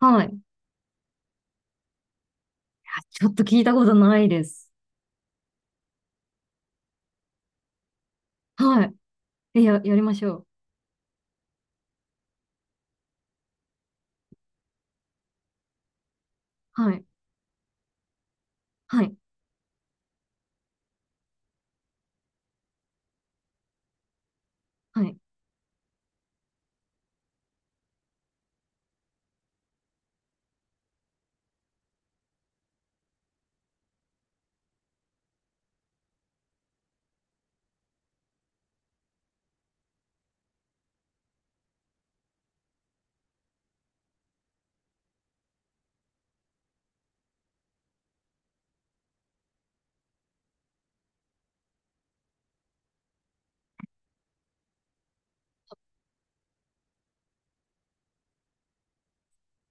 はい。いやちょっと聞いたことないです。はい。やりましょう。はい。はい。はい。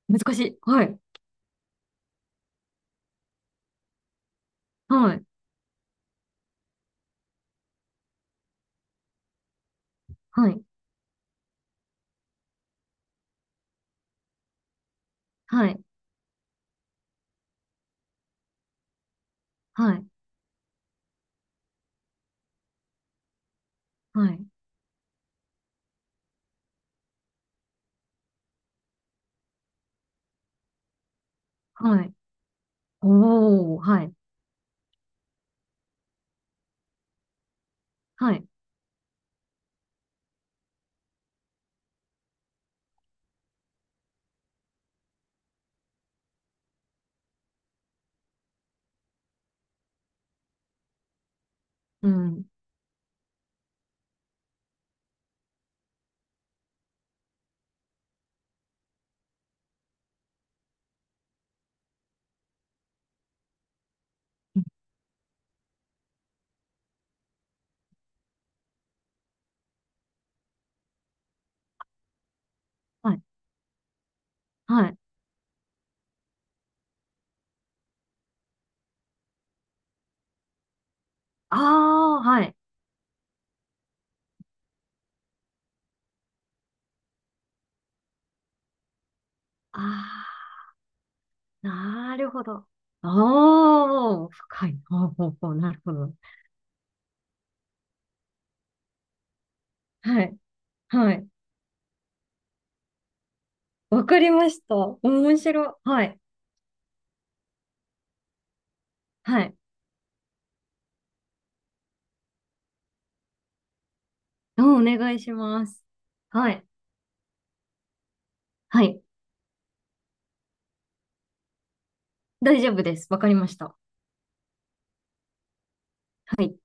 難しい。はい。はい。はい。はい。はい。はい。はい。おー。はい。はい。うん。はい。はい。あー。はい。あー。なるほど。おー。深い。ほうほうほう。なるほど。はい。はい。わかりました。面白い。はい。はい。お願いします。はい。はい。大丈夫です。わかりました。はい。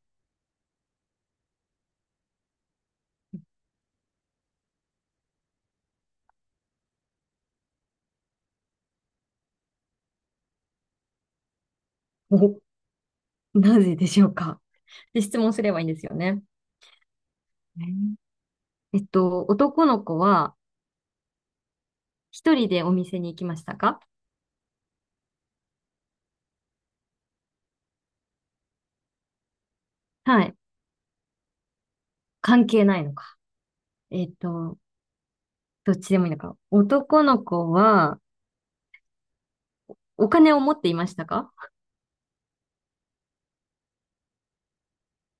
お、なぜでしょうか。で、質問すればいいんですよね。ねえーえっと、男の子は一人でお店に行きましたか？はい。関係ないのか。えっと、どっちでもいいのか。男の子はお金を持っていましたか？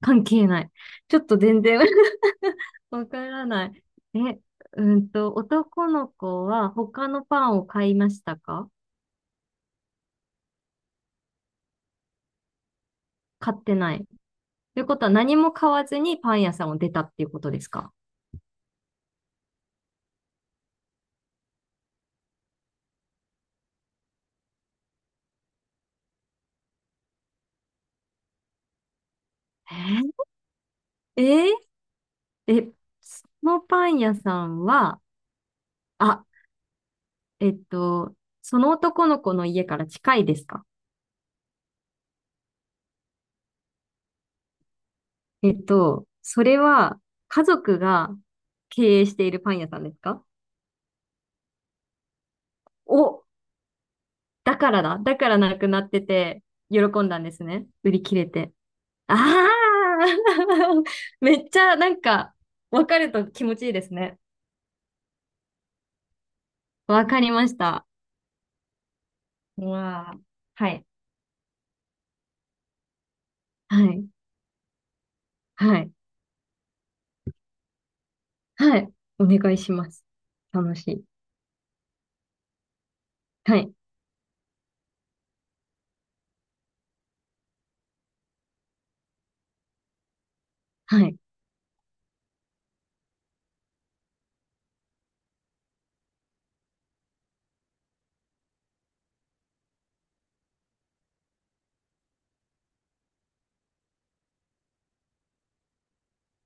関係ない。ちょっと全然 わからない。え、うんと、男の子は他のパンを買いましたか？買ってない。ということは何も買わずにパン屋さんを出たっていうことですか？えーえーえ、そのパン屋さんは、あ、えっと、その男の子の家から近いですか？それは家族が経営しているパン屋さんですか？お、だからだ。だからなくなってて、喜んだんですね。売り切れて。ああ めっちゃなんか、わかると気持ちいいですね。わかりました。うわあ。はい。はい。はい。はい。お願いします。楽しい。はい。はい。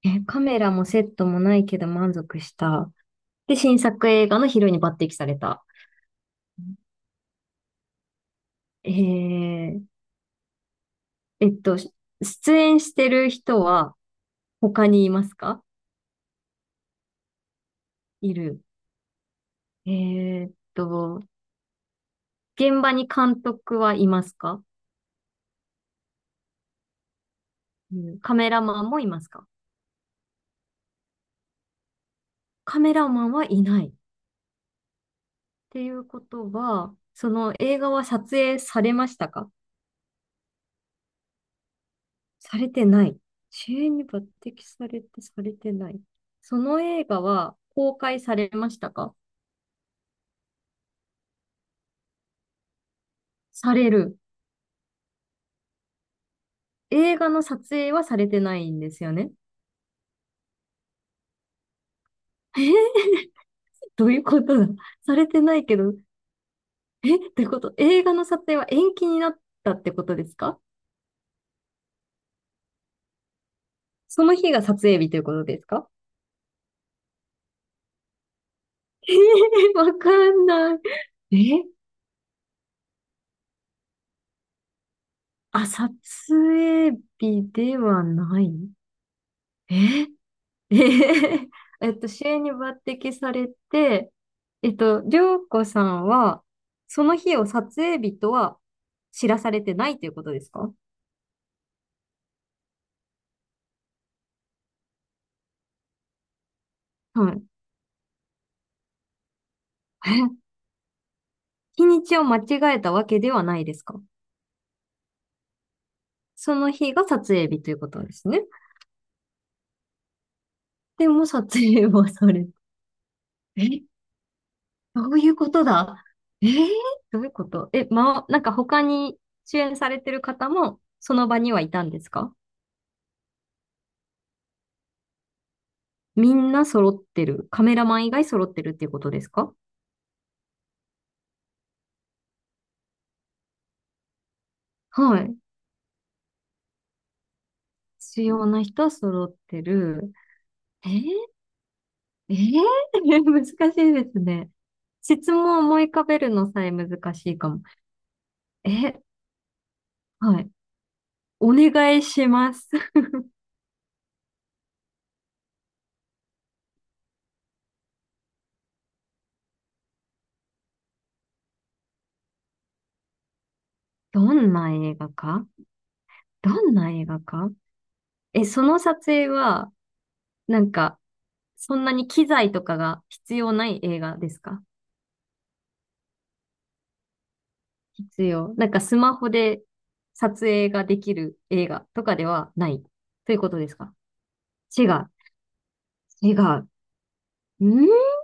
え、カメラもセットもないけど満足した。で、新作映画のヒロインに抜擢された。えー、えっと、し出演してる人は他にいますか？いる。えーっと、現場に監督はいますか？うん、カメラマンもいますか？カメラマンはいない。っていうことは、その映画は撮影されましたか？されてない。主演に抜擢されて、されてない。その映画は公開されましたか？される。映画の撮影はされてないんですよね。えー、どういうことだ。されてないけど、え、ってこと映画の撮影は延期になったってことですか？その日が撮影日ということですか？わかんない。え、あ、撮影日ではない。え えへへ主演に抜擢されて、涼子さんは、その日を撮影日とは知らされてないということですか？はい。え、日にちを間違えたわけではないですか？その日が撮影日ということですね。でも撮影はされて、え、どういうことだえーどういうこと。え、ま、なんか他に主演されてる方もその場にはいたんですか？みんな揃ってる。カメラマン以外揃ってるっていうことですか？はい。必要な人揃ってる。えー、えー、難しいですね。質問を思い浮かべるのさえ難しいかも。え、はい。お願いします。どんな映画か、どんな映画か、え、その撮影は、なんか、そんなに機材とかが必要ない映画ですか？必要。なんかスマホで撮影ができる映画とかではないということですか？違う。違う。んー、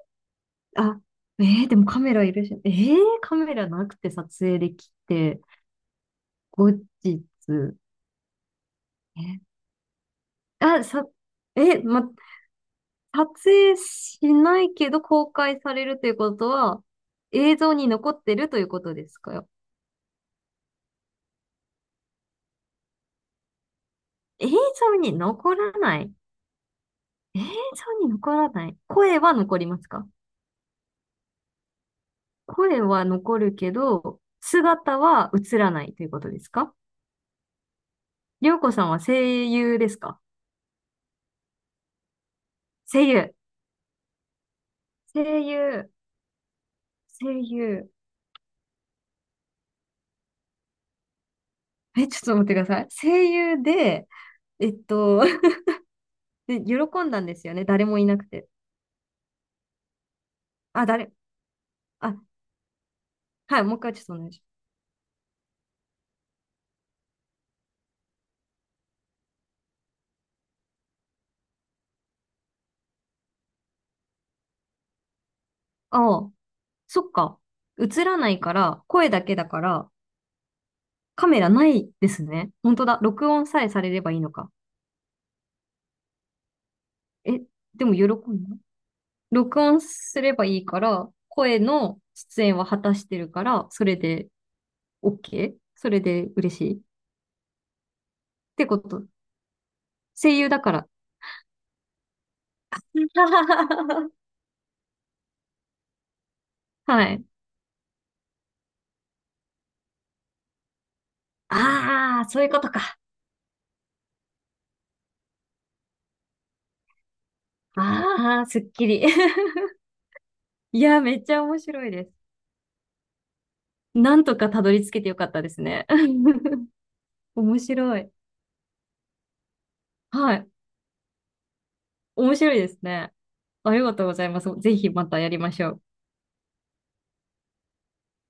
あ、でもカメラいるし、カメラなくて撮影できて、後日、え、あ、さ、え、ま、撮影しないけど公開されるということは、映像に残ってるということですか？映像に残らない、映像に残らない、声は残りますか？声は残るけど、姿は映らないということですか？りょうこさんは声優ですか？声優。声優。声優。え、ちょっと待ってください。声優で、えっと、で、喜んだんですよね。誰もいなくて。あ、あ、はい、もう一回ちょっとお願いします。ああ、そっか。映らないから、声だけだから、カメラないですね。本当だ。録音さえされればいいのか。え、でも喜んだ。録音すればいいから、声の出演は果たしてるから、それで OK? それで嬉しい。ってこと。声優だから。はい。ああ、そういうことか。ああ、すっきり。いや、めっちゃ面白いです。なんとかたどり着けてよかったですね。面白い。はい。面白いですね。ありがとうございます。ぜひまたやりましょう。